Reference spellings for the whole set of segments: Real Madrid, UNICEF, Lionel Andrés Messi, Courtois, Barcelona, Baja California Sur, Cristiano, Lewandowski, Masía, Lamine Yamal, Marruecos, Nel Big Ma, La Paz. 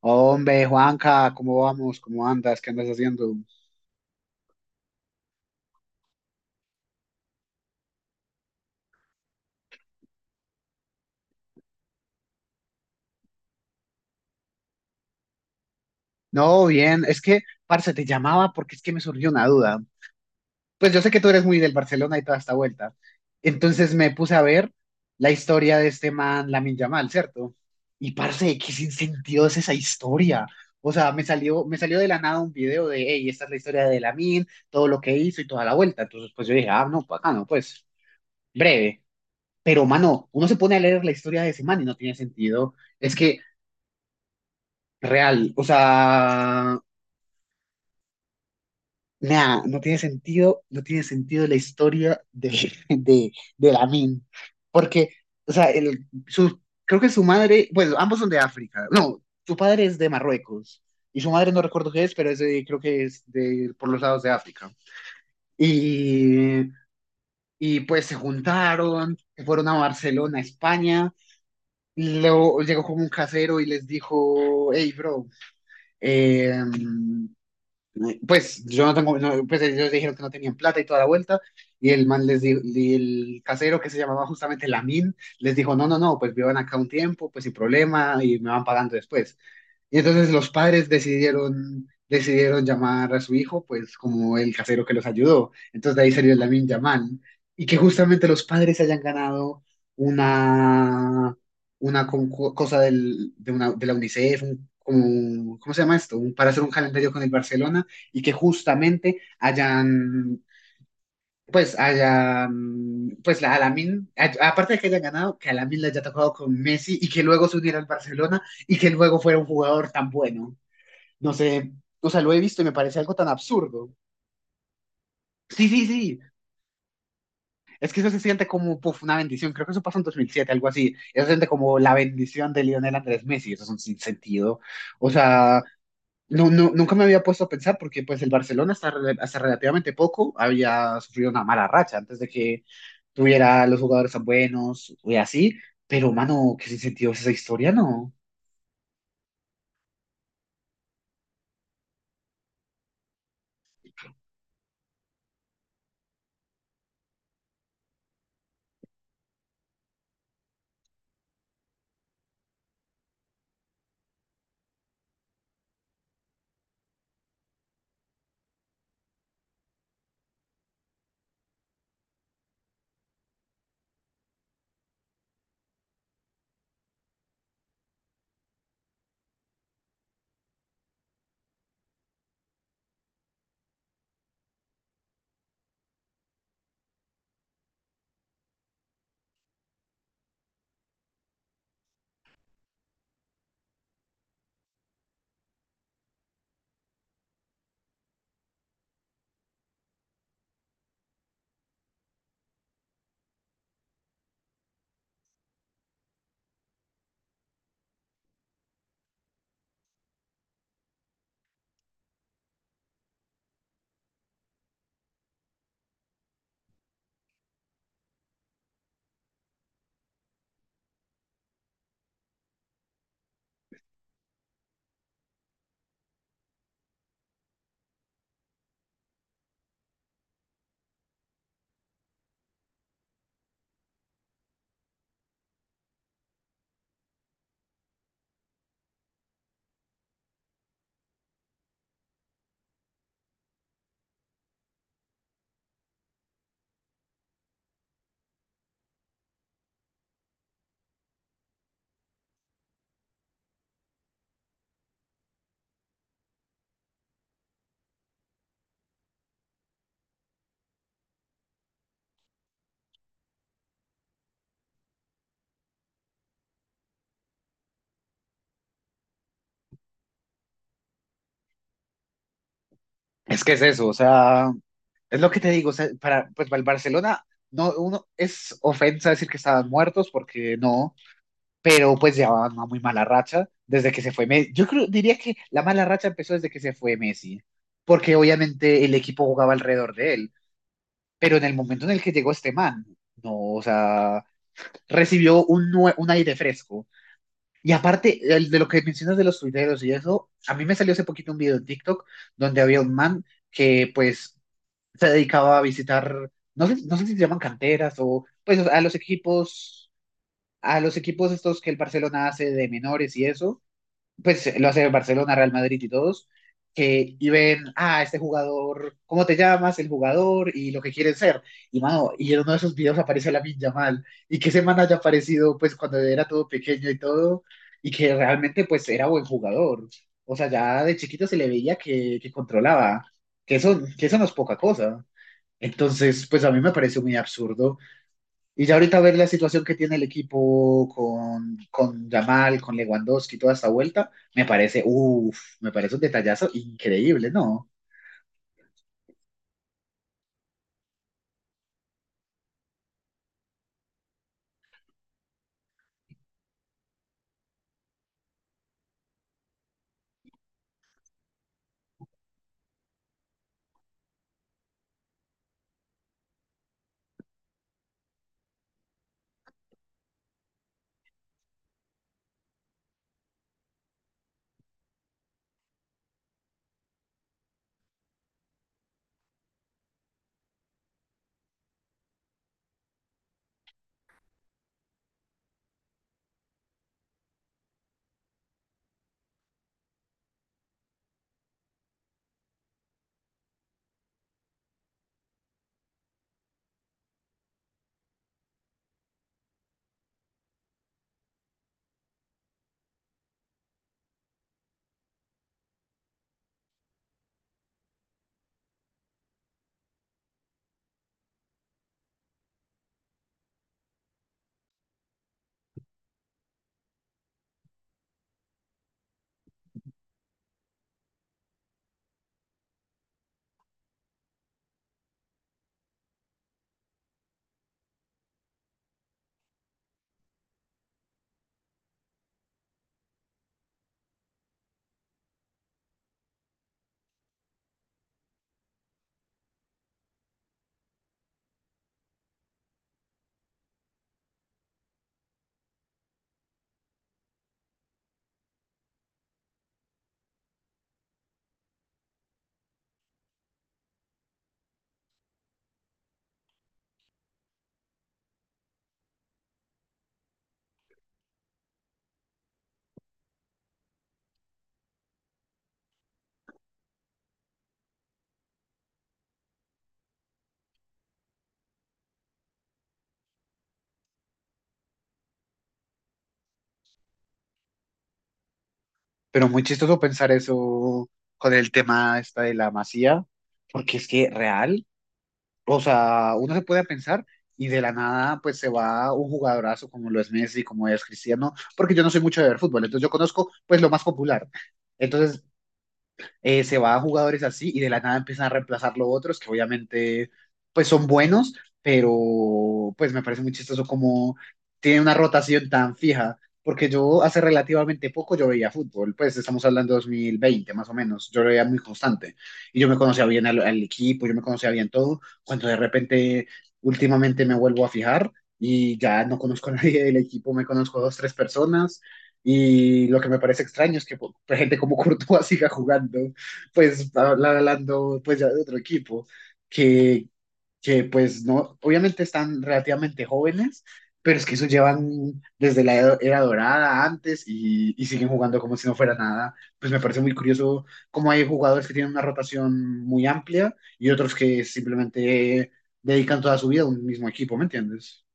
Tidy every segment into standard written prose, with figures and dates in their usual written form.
Hombre, Juanca, ¿cómo vamos? ¿Cómo andas? ¿Qué andas haciendo? No, bien, es que, parce, te llamaba porque es que me surgió una duda. Pues yo sé que tú eres muy del Barcelona y toda esta vuelta. Entonces me puse a ver la historia de este man, Lamine Yamal, ¿cierto? Y parce, qué sin sentido es esa historia. O sea, me salió de la nada un video de, hey, esta es la historia de Lamine, todo lo que hizo y toda la vuelta. Entonces, pues yo dije, ah, no, pues, acá no, pues, breve. Pero, mano, uno se pone a leer la historia de ese man y no tiene sentido. Es que real, o sea, nada, no tiene sentido, no tiene sentido la historia de, de, de Lamin, porque, o sea, el, su, creo que su madre, bueno, ambos son de África, no, su padre es de Marruecos, y su madre no recuerdo qué es, pero creo que es de, por los lados de África. Y, y pues se juntaron, se fueron a Barcelona, España, y luego llegó como un casero y les dijo, hey, bro, eh, Pues yo no tengo, no, pues ellos dijeron que no tenían plata y toda la vuelta, y el man les dijo, y el casero que se llamaba justamente Lamin, les dijo, no, no, no, pues vivan acá un tiempo, pues sin problema, y me van pagando después. Y entonces los padres decidieron llamar a su hijo, pues como el casero que los ayudó. Entonces de ahí salió el Lamin Yamal, y que justamente los padres hayan ganado una, una cosa de la UNICEF, un como, ¿cómo se llama esto? Para hacer un calendario con el Barcelona y que justamente hayan, pues, la Alamin, aparte de que hayan ganado, que Alamin le haya tocado con Messi y que luego se uniera al Barcelona y que luego fuera un jugador tan bueno. No sé, o sea, lo he visto y me parece algo tan absurdo. Sí, sí, sí. Es que eso se siente como puff, una bendición. Creo que eso pasó en 2007, algo así. Eso se siente como la bendición de Lionel Andrés Messi. Eso es un sinsentido. O sea, no, no, nunca me había puesto a pensar porque pues el Barcelona hasta relativamente poco había sufrido una mala racha antes de que tuviera los jugadores tan buenos y así, pero mano, ¿qué sentido es esa historia? No. Es que es eso, o sea, es lo que te digo, o sea, para, pues para el Barcelona no, uno, es ofensa decir que estaban muertos porque no, pero pues llevaban una muy mala racha desde que se fue Messi. Yo creo, diría que la mala racha empezó desde que se fue Messi, porque obviamente el equipo jugaba alrededor de él. Pero en el momento en el que llegó este man, no, o sea, recibió un aire fresco. Y aparte, el de lo que mencionas de los tuiteros y eso, a mí me salió hace poquito un video en TikTok donde había un man que pues se dedicaba a visitar, no sé, no sé si se llaman canteras o pues a los equipos, estos que el Barcelona hace de menores y eso pues lo hace el Barcelona, Real Madrid y todos, que y ven, ah, este jugador, ¿cómo te llamas? El jugador y lo que quieren ser. Y mano, y en uno de esos videos aparece la Yamal y que semana haya aparecido pues cuando era todo pequeño y todo y que realmente pues era buen jugador. O sea, ya de chiquito se le veía que, controlaba, que eso no es poca cosa. Entonces, pues a mí me pareció muy absurdo. Y ya ahorita ver la situación que tiene el equipo con Yamal, con Lewandowski, toda esta vuelta, me parece, uff, me parece un detallazo increíble, ¿no? Pero muy chistoso pensar eso con el tema esta de la Masía, porque es que real, o sea, uno se puede pensar y de la nada pues se va un jugadorazo como lo es Messi, como es Cristiano, porque yo no soy mucho de ver fútbol, entonces yo conozco pues lo más popular. Entonces se va a jugadores así y de la nada empiezan a reemplazarlo otros que obviamente pues son buenos, pero pues me parece muy chistoso como tiene una rotación tan fija, porque yo hace relativamente poco yo veía fútbol, pues estamos hablando de 2020 más o menos, yo lo veía muy constante y yo me conocía bien al, equipo, yo me conocía bien todo, cuando de repente últimamente me vuelvo a fijar y ya no conozco a nadie del equipo, me conozco a dos, tres personas y lo que me parece extraño es que pues, gente como Courtois siga jugando pues hablando pues ya de otro equipo, que, que pues no, obviamente están relativamente jóvenes, pero es que eso llevan desde la era dorada antes y siguen jugando como si no fuera nada. Pues me parece muy curioso cómo hay jugadores que tienen una rotación muy amplia y otros que simplemente dedican toda su vida a un mismo equipo, ¿me entiendes?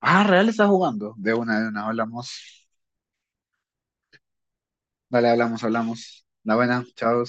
Ah, Real está jugando. De una, hablamos. Dale, hablamos, hablamos. La buena, chao.